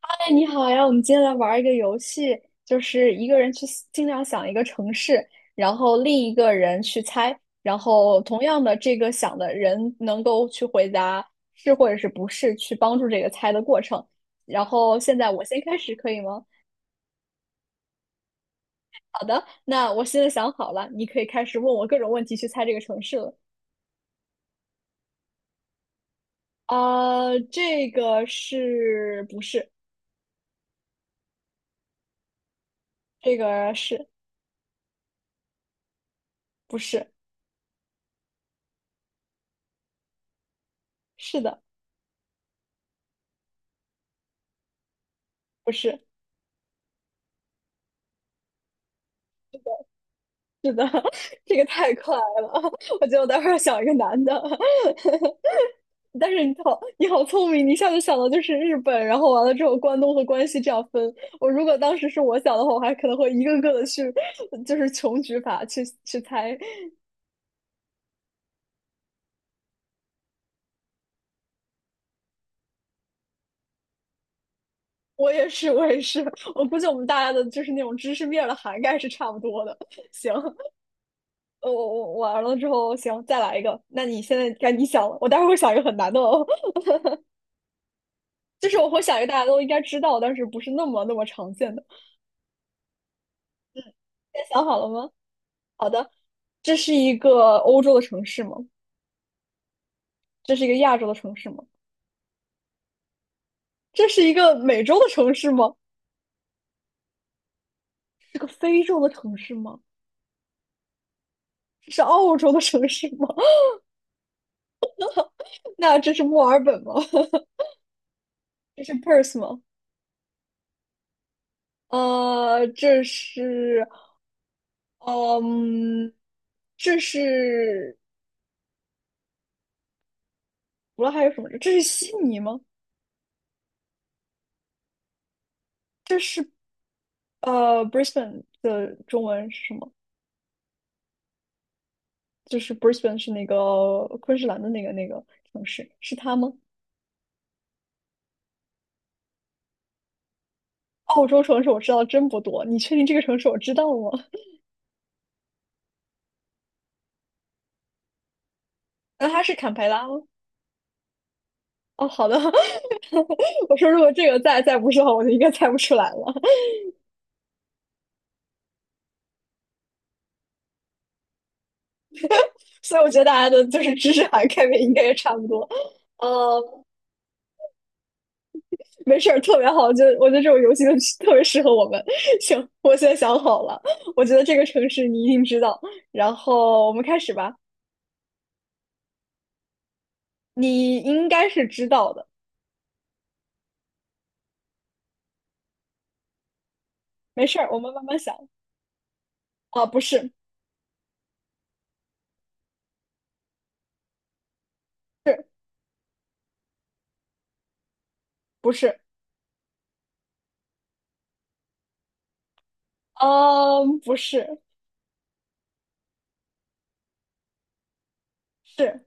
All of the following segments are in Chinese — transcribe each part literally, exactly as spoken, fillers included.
哎，你好呀！我们今天来玩一个游戏，就是一个人去尽量想一个城市，然后另一个人去猜，然后同样的这个想的人能够去回答是或者是不是，去帮助这个猜的过程。然后现在我先开始，可以吗？好的，那我现在想好了，你可以开始问我各种问题去猜这个城市了。啊，这个是不是？这个是不是？是的。不是。是的，这个太快了，我觉得我待会儿要想一个男的。但是你好，你好聪明，你一下就想到就是日本，然后完了之后关东和关西这样分。我如果当时是我想的话，我还可能会一个个的去，就是穷举法去去猜。我也是，我也是，我估计我们大家的就是那种知识面儿的涵盖是差不多的。行，我我我完了之后，行，再来一个。那你现在该你想了，我待会儿会想一个很难的哦，就是我会想一个大家都应该知道，但是不是那么那么常见的。先想好了吗？好的，这是一个欧洲的城市吗？这是一个亚洲的城市吗？这是一个美洲的城市吗？是个非洲的城市吗？这是澳洲的城市吗？那这是墨尔本吗？这是 Perth 吗？呃，这是，嗯，这是，除了还有什么？这是悉尼吗？这是呃，Brisbane 的中文是什么？就是 Brisbane 是那个昆士兰的那个那个城市，是它吗？澳洲城市我知道真不多，你确定这个城市我知道吗？那它是坎培拉吗？哦，好的。我说如果这个再再不是的话，我就应该猜不出来了。所以我觉得大家的就是知识涵盖面应该也差不多。呃，没事儿，特别好。就我觉得这种游戏就 特别适合我们。行，我现在想好了，我觉得这个城市你一定知道。然后我们开始吧，你应该是知道的。没事儿，我们慢慢想。啊，不是。是。不是？嗯，不是。是。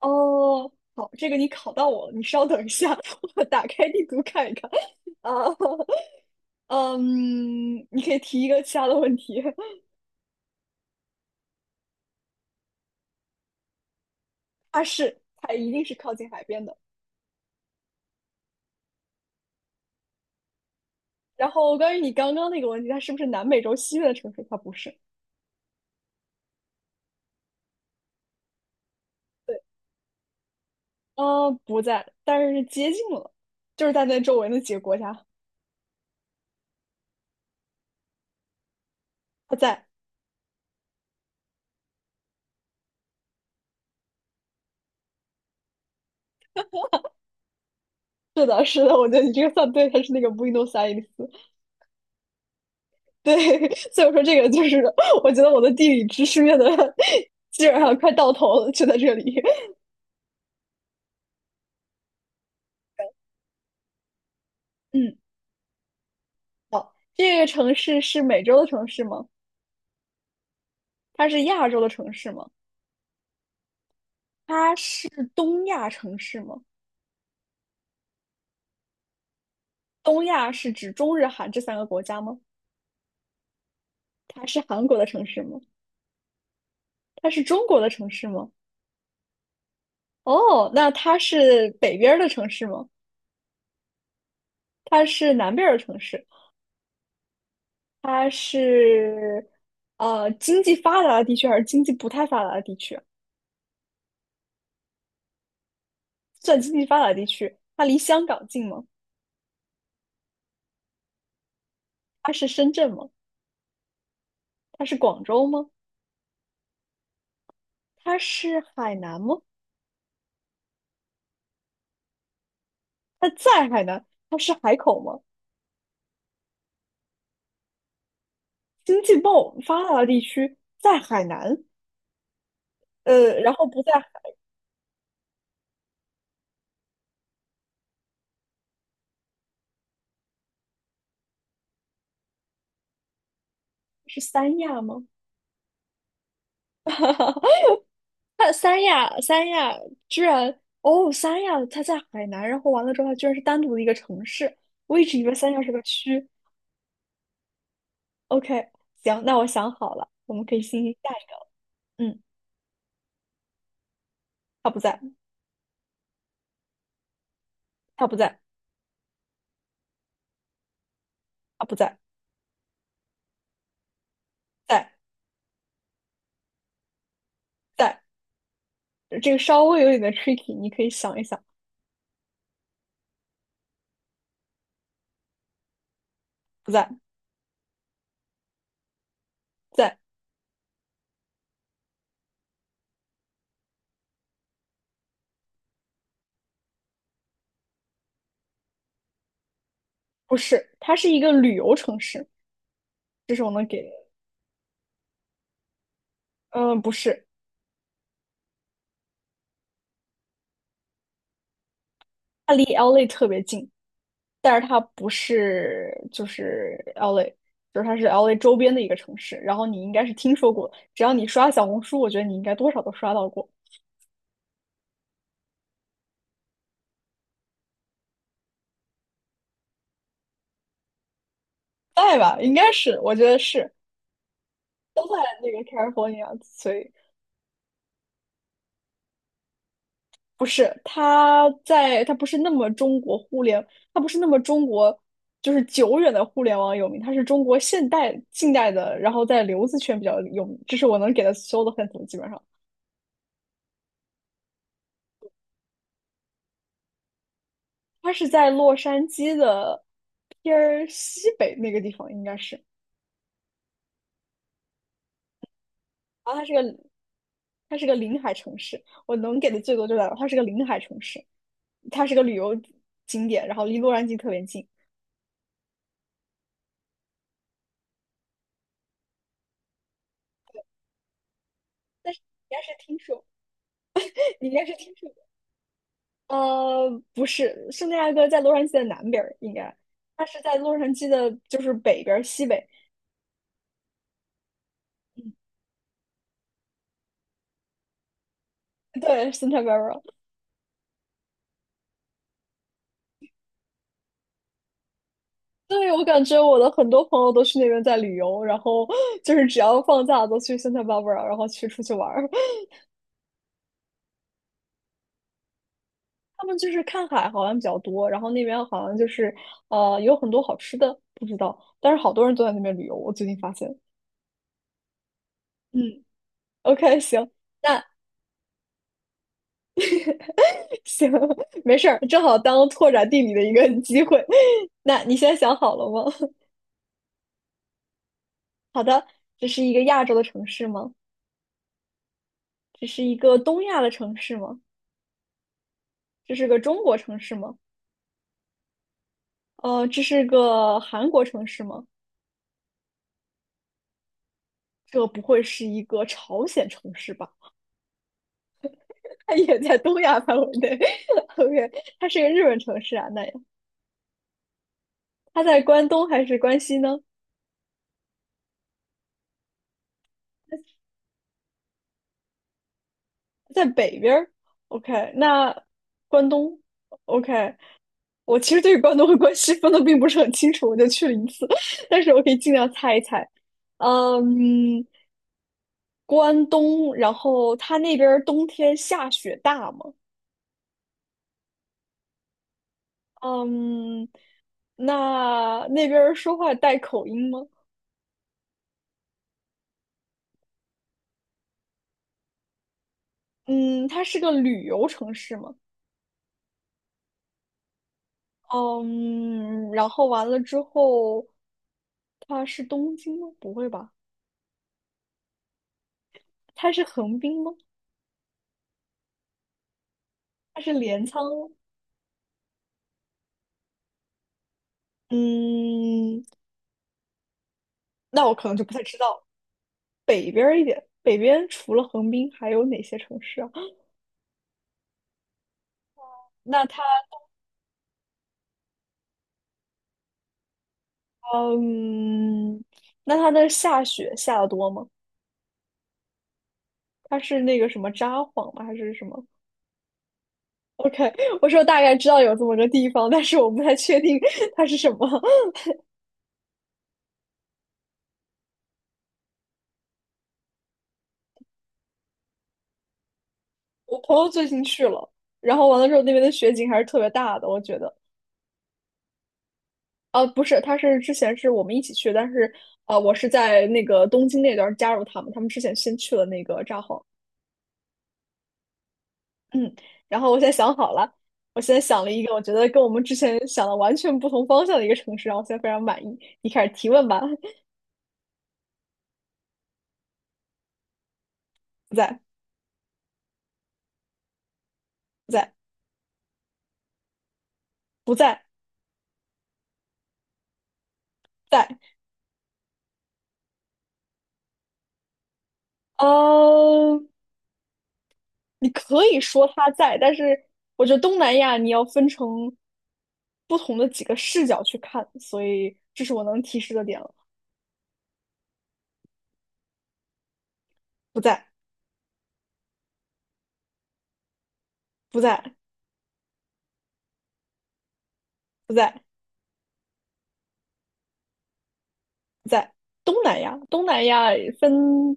哦，好，这个你考到我了，你稍等一下，我打开地图看一看。啊，嗯，你可以提一个其他的问题。它是，它一定是靠近海边的。然后关于你刚刚那个问题，它是不是南美洲西边的城市？它不是。对，啊，不在，但是接近了，就是在那周围那几个国家，它在。是的，是的，我觉得你这个算对，它是那个 Buenos Aires。对，所以我说这个就是，我觉得我的地理知识面的 基本上快到头了，就在这里。嗯，好，这个城市是美洲的城市吗？它是亚洲的城市吗？它是东亚城市吗？东亚是指中日韩这三个国家吗？它是韩国的城市吗？它是中国的城市吗？哦，那它是北边儿的城市吗？它是南边儿的城市？它是呃经济发达的地区还是经济不太发达的地区？算经济发达地区，它离香港近吗？它是深圳吗？它是广州吗？它是海南吗？它在海南，它是海口吗？经济贸发达的地区在海南，呃，然后不在是三亚吗？它三亚，三亚居然哦，三亚它在海南，然后完了之后它居然是单独的一个城市，我一直以为三亚是个区。OK，行，那我想好了，我们可以进行下一个了。嗯，它不在。它不在。它不在。在。在，这个稍微有点的 tricky，你可以想一想。不在。在。不是，它是一个旅游城市。这是我能给的。嗯，不是。它离 L A 特别近，但是它不是就是 L A，就是它是 L A 周边的一个城市。然后你应该是听说过，只要你刷小红书，我觉得你应该多少都刷到过。在吧，应该是，我觉得是都在那个 California，所以不是它在，它不是那么中国互联，它不是那么中国。就是久远的互联网有名，它是中国现代近代的，然后在留子圈比较有名，这是我能给的所有的范畴，基本上。它是在洛杉矶的偏儿西北那个地方，应该是。然后它是个它是个临海城市，我能给的最多就在它是个临海城市，它是个旅游景点，然后离洛杉矶特别近。但是你应该是听说，你应该是听说过，呃，不是，圣地亚哥在洛杉矶的南边儿，应该它是在洛杉矶的，就是北边儿西北。对，Santa Barbara。对，我感觉我的很多朋友都去那边在旅游，然后就是只要放假都去 Santa Barbara，然后去出去玩儿。他们就是看海好像比较多，然后那边好像就是呃有很多好吃的，不知道，但是好多人都在那边旅游，我最近发现。嗯，OK，行，那 行，没事儿，正好当拓展地理的一个 机会。那你现在想好了吗？好的，这是一个亚洲的城市吗？这是一个东亚的城市吗？这是个中国城市吗？呃，这是个韩国城市吗？这不会是一个朝鲜城市吧？它也在东亚范围内。OK，它是一个日本城市啊，那它在关东还是关西呢？在北边儿。OK，那关东。OK，我其实对关东和关西分的并不是很清楚，我就去了一次，但是我可以尽量猜一猜。嗯，关东，然后它那边儿冬天下雪大吗？嗯，那那边儿说话带口音吗？嗯，它是个旅游城市吗？嗯，然后完了之后，它是东京吗？不会吧？它是横滨吗？它是镰仓吗嗯，那我可能就不太知道。北边儿一点，北边除了横滨还有哪些城市啊？那它，嗯，那它的下雪下的多吗？它是那个什么札幌吗？还是什么？OK，我说大概知道有这么个地方，但是我不太确定它是什么。我朋友最近去了，然后完了之后那边的雪景还是特别大的，我觉得。啊，不是，他是之前是我们一起去，但是啊，我是在那个东京那段加入他们，他们之前先去了那个札幌，嗯，然后我现在想好了，我现在想了一个我觉得跟我们之前想的完全不同方向的一个城市，然后我现在非常满意。你开始提问吧，不在。不在。不在。在。嗯，你可以说它在，但是我觉得东南亚你要分成不同的几个视角去看，所以这是我能提示的点了。不在。不在。不在。东南亚，东南亚分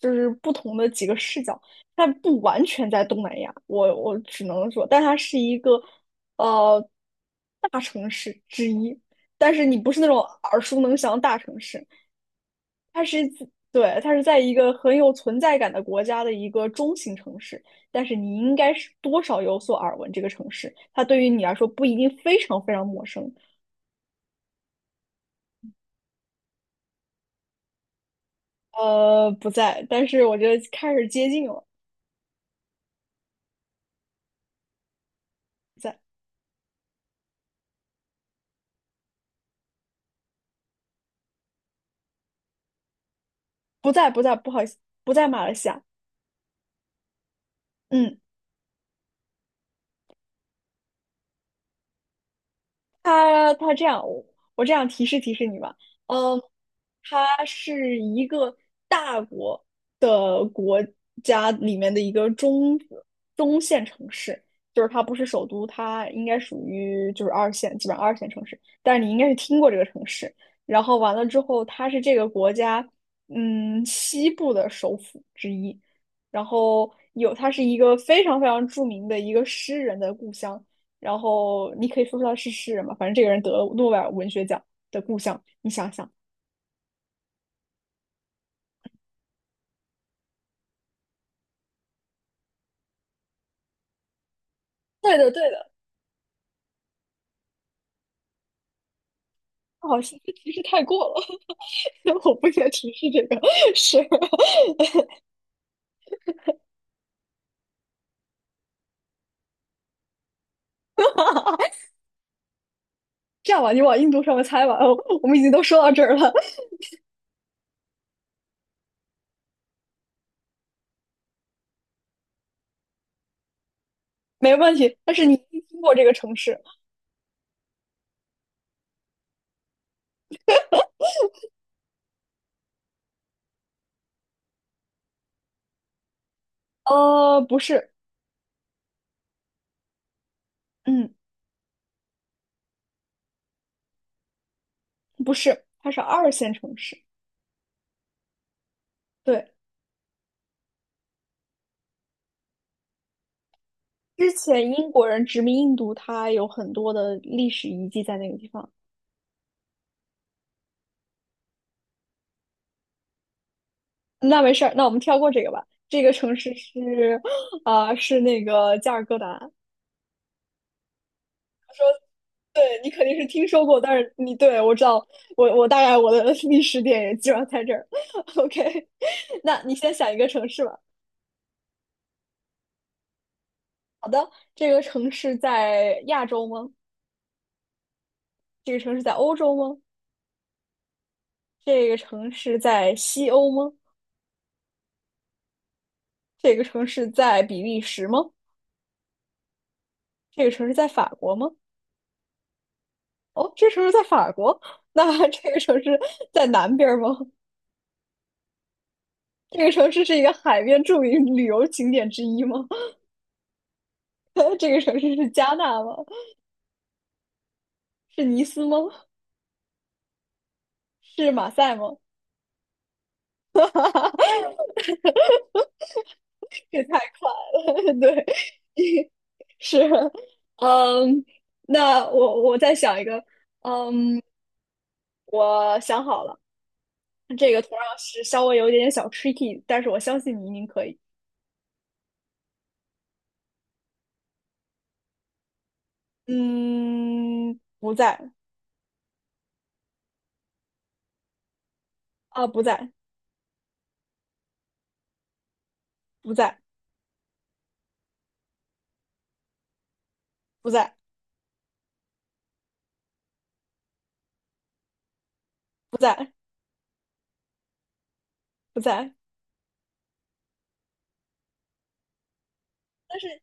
就是不同的几个视角，它不完全在东南亚，我我只能说，但它是一个呃大城市之一，但是你不是那种耳熟能详的大城市，它是自对，它是在一个很有存在感的国家的一个中型城市，但是你应该是多少有所耳闻这个城市，它对于你来说不一定非常非常陌生。呃，不在，但是我觉得开始接近了，不在，不在，不在，不好意思，不在马来西亚。嗯。他他这样，我我这样提示提示你吧，嗯，他是一个大国的国家里面的一个中中线城市，就是它不是首都，它应该属于就是二线，基本上二线城市，但是你应该是听过这个城市。然后完了之后，它是这个国家嗯西部的首府之一，然后有它是一个非常非常著名的一个诗人的故乡。然后你可以说出来是诗人嘛，反正这个人得了诺贝尔文学奖的故乡，你想想，对的，对的，好像提示太过了，我不应该提示这个，是 这样吧，你往印度上面猜吧，哦，我们已经都说到这儿了。没问题。但是你一经过这个城市，呃，不是，嗯，不是，它是二线城市，对。之前英国人殖民印度，它有很多的历史遗迹在那个地方。那没事儿，那我们跳过这个吧。这个城市是，啊、是那个加尔各答。对，你肯定是听说过，但是你对我知道，我我大概我的历史点也基本上在这儿。OK，那你先想一个城市吧。好的，这个城市在亚洲吗？这个城市在欧洲吗？这个城市在西欧吗？这个城市在比利时吗？这个城市在法国吗？哦，这城市在法国，那这个城市在南边儿吗？这个城市是一个海边著名旅游景点之一吗？这个城市是加纳吗？是尼斯吗？是马赛吗？这太快了，对，是，嗯，那我我再想一个，嗯，我想好了，这个同样是稍微有一点点小 tricky，但是我相信你一定可以。嗯，不在啊，不在，不在，不在，不在，不在。但是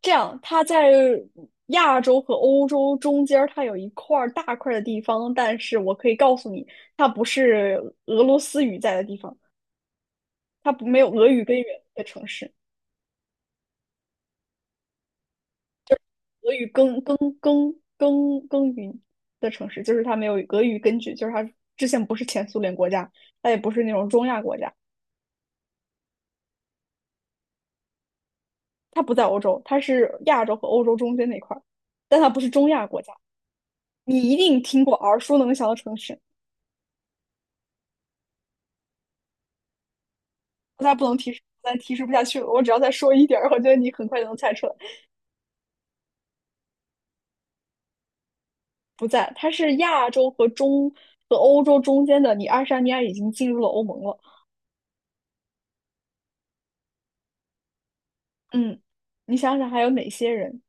这样，它在亚洲和欧洲中间儿，它有一块儿大块儿的地方，但是我可以告诉你，它不是俄罗斯语在的地方，它不没有俄语根源的城市，俄语耕耕耕耕耕耘的城市，就是它没有俄语根据，就是它之前不是前苏联国家，它也不是那种中亚国家，它不在欧洲，它是亚洲和欧洲中间那块儿，但它不是中亚国家。你一定听过耳熟能详的城市，再不能提示，再提示不下去了。我只要再说一点儿，我觉得你很快就能猜出来。不在，它是亚洲和中和欧洲中间的。你爱沙尼亚已经进入了欧盟了。嗯，你想想还有哪些人？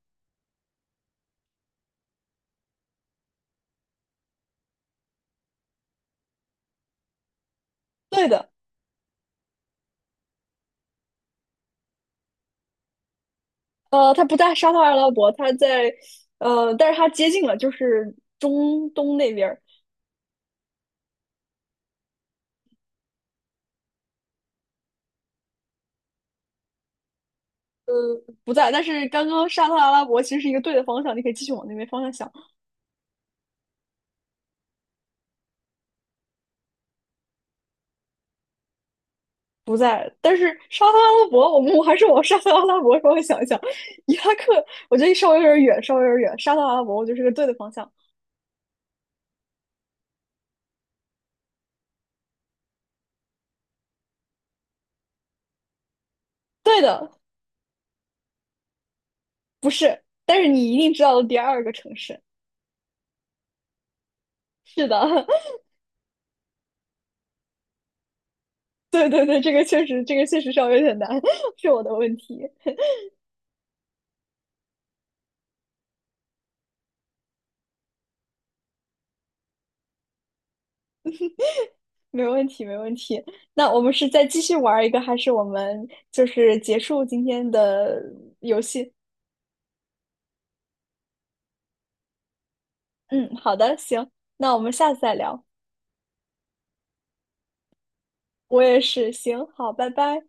对的，呃，它不在沙特阿拉伯，它在呃，但是它接近了，就是中东那边儿不在。但是刚刚沙特阿拉伯其实是一个对的方向，你可以继续往那边方向想。不在，但是沙特阿拉伯，我们我还是往沙特阿拉伯方向想一想。伊拉克，我觉得稍微有点远，稍微有点远。沙特阿拉伯，我觉得是个对的方向。对的，不是，但是你一定知道的第二个城市。是的，对对对，这个确实，这个确实稍微有点难，是我的问题。没问题，没问题。那我们是再继续玩一个，还是我们就是结束今天的游戏？嗯，好的，行，那我们下次再聊。我也是，行，好，拜拜。